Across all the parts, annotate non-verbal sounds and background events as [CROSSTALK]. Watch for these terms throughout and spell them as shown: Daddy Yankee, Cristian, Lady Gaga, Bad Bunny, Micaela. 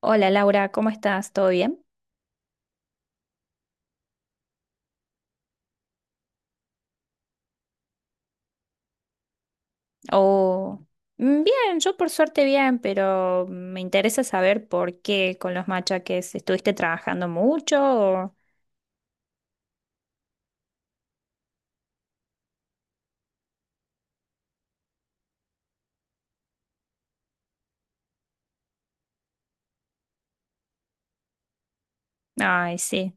Hola, Laura, ¿cómo estás? ¿Todo bien? Oh, bien, yo por suerte bien, pero me interesa saber por qué con los machaques estuviste trabajando mucho o... Ay, sí.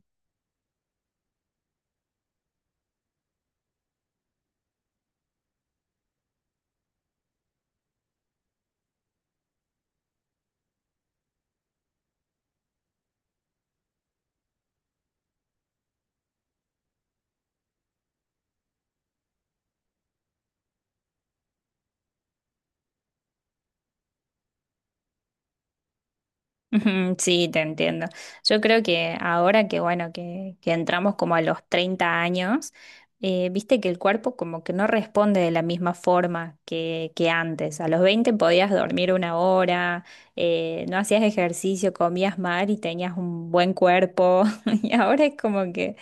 Ujú, sí, te entiendo. Yo creo que ahora que, bueno, que entramos como a los 30 años, viste que el cuerpo como que no responde de la misma forma que antes. A los 20 podías dormir una hora, no hacías ejercicio, comías mal y tenías un buen cuerpo. [LAUGHS] Y ahora es como que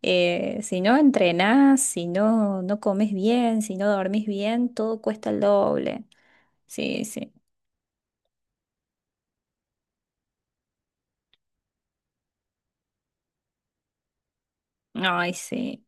si no entrenás, si no comes bien, si no dormís bien, todo cuesta el doble. Sí, sí. Ay, sí.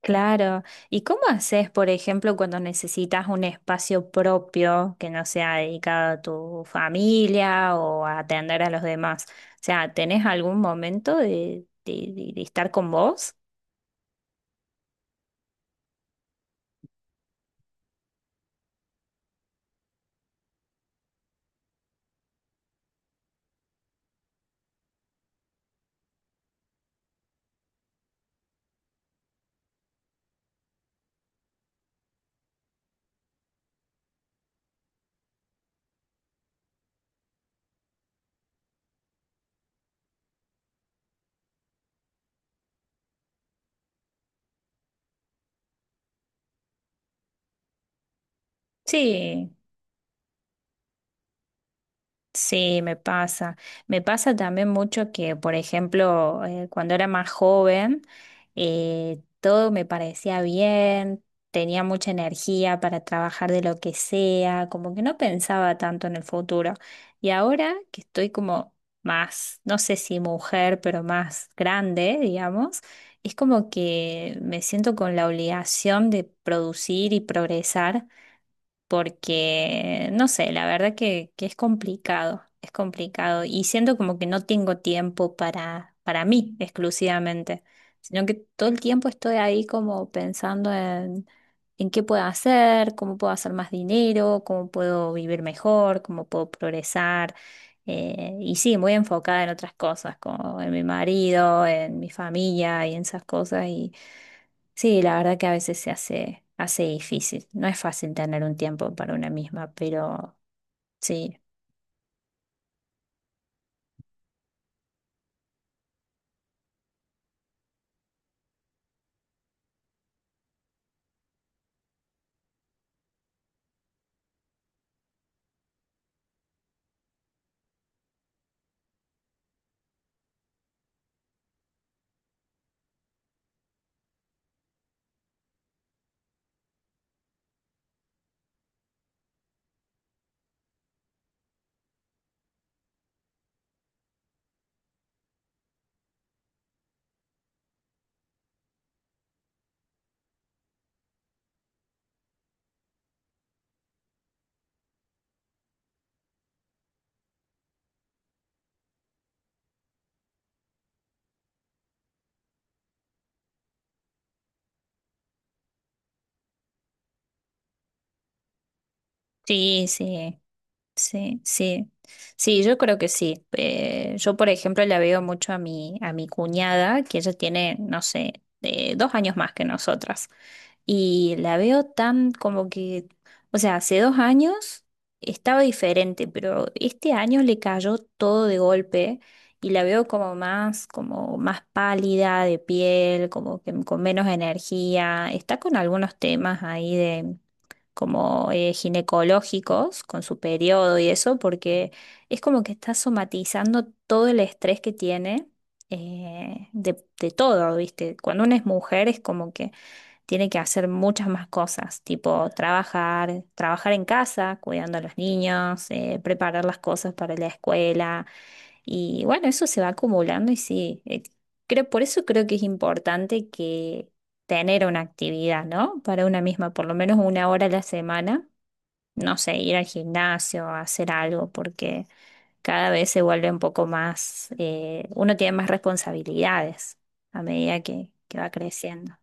Claro. ¿Y cómo haces, por ejemplo, cuando necesitas un espacio propio que no sea dedicado a tu familia o a atender a los demás? O sea, ¿tenés algún momento de estar con vos? Sí. Sí, me pasa. Me pasa también mucho que, por ejemplo, cuando era más joven, todo me parecía bien, tenía mucha energía para trabajar de lo que sea, como que no pensaba tanto en el futuro. Y ahora que estoy como más, no sé si mujer, pero más grande, digamos, es como que me siento con la obligación de producir y progresar porque, no sé, la verdad que es complicado y siento como que no tengo tiempo para mí exclusivamente, sino que todo el tiempo estoy ahí como pensando en qué puedo hacer, cómo puedo hacer más dinero, cómo puedo vivir mejor, cómo puedo progresar. Y sí, muy enfocada en otras cosas, como en mi marido, en mi familia y en esas cosas. Sí, la verdad que a veces se hace difícil. No es fácil tener un tiempo para una misma, pero sí, sí, sí. Sí, sí, sí, yo creo que sí. Yo, por ejemplo, la veo mucho a mi cuñada, que ella tiene, no sé, dos años más que nosotras. Y la veo tan como que, o sea, hace dos años estaba diferente, pero este año le cayó todo de golpe y la veo como más pálida de piel, como que con menos energía. Está con algunos temas ahí como ginecológicos con su periodo y eso, porque es como que está somatizando todo el estrés que tiene de todo, ¿viste? Cuando una es mujer es como que tiene que hacer muchas más cosas, tipo trabajar, trabajar en casa, cuidando a los niños, preparar las cosas para la escuela. Y bueno, eso se va acumulando y sí, por eso creo que es importante que tener una actividad, ¿no? Para una misma, por lo menos una hora a la semana, no sé, ir al gimnasio, hacer algo, porque cada vez se vuelve un poco más, uno tiene más responsabilidades a medida que va creciendo.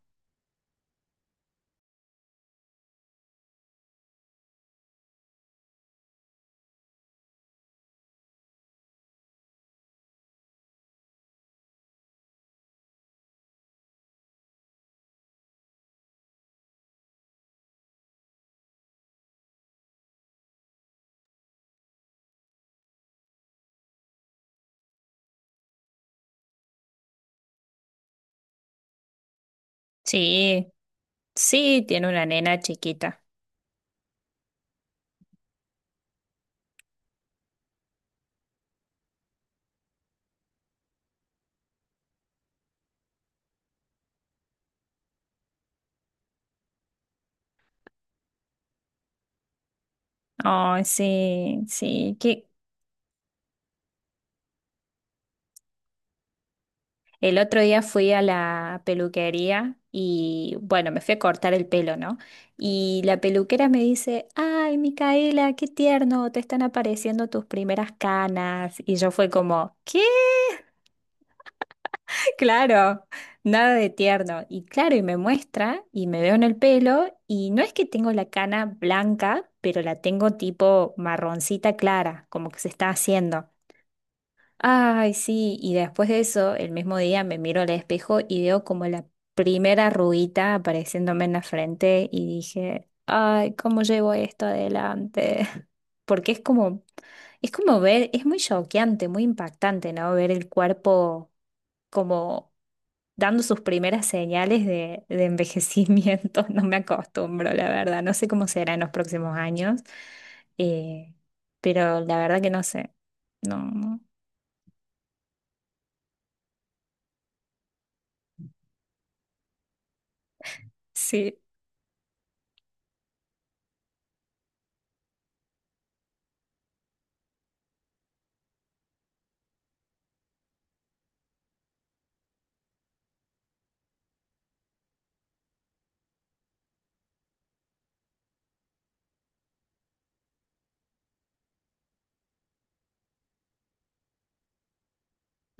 Sí. Sí, tiene una nena chiquita. Ay, sí, sí. Que el otro día fui a la peluquería y bueno, me fui a cortar el pelo, ¿no? Y la peluquera me dice, ay, Micaela, qué tierno, te están apareciendo tus primeras canas. Y yo fue como, ¿qué? [LAUGHS] Claro, nada de tierno. Y claro, y me muestra y me veo en el pelo y no es que tengo la cana blanca, pero la tengo tipo marroncita clara, como que se está haciendo. Ay, sí, y después de eso, el mismo día me miro al espejo y veo como la primera arruguita apareciéndome en la frente y dije, ay, ¿cómo llevo esto adelante? [LAUGHS] Porque es como ver, es muy choqueante, muy impactante, ¿no? Ver el cuerpo como dando sus primeras señales de envejecimiento. [LAUGHS] No me acostumbro, la verdad. No sé cómo será en los próximos años, eh, pero la verdad que no sé. No, no. Sí.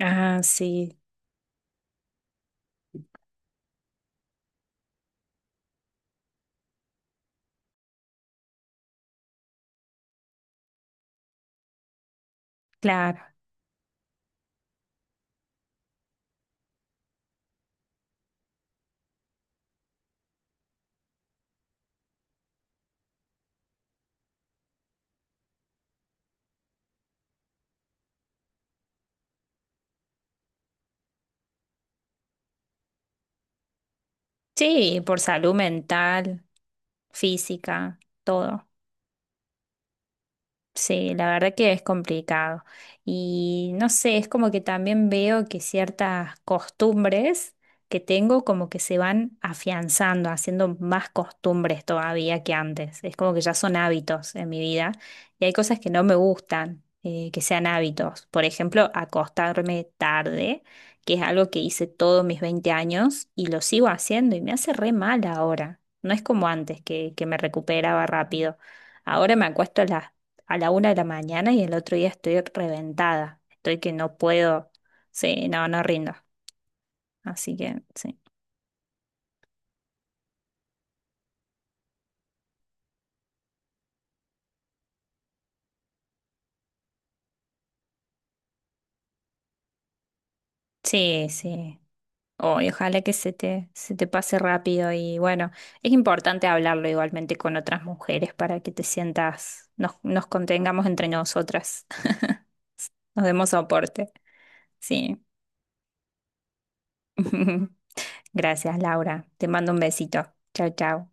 Ah, sí, claro. Sí, por salud mental, física, todo. Sí, la verdad que es complicado. Y no sé, es como que también veo que ciertas costumbres que tengo como que se van afianzando, haciendo más costumbres todavía que antes. Es como que ya son hábitos en mi vida y hay cosas que no me gustan que sean hábitos. Por ejemplo, acostarme tarde, que es algo que hice todos mis 20 años y lo sigo haciendo y me hace re mal ahora. No es como antes que me recuperaba rápido. Ahora me acuesto a la una de la mañana y el otro día estoy reventada. Estoy que no puedo. Sí, no, no rindo. Así que sí. Sí, sí. Oh, y ojalá que se te pase rápido y bueno, es importante hablarlo igualmente con otras mujeres para que nos contengamos entre nosotras, [LAUGHS] nos demos soporte. Sí. [LAUGHS] Gracias, Laura. Te mando un besito. Chao, chao.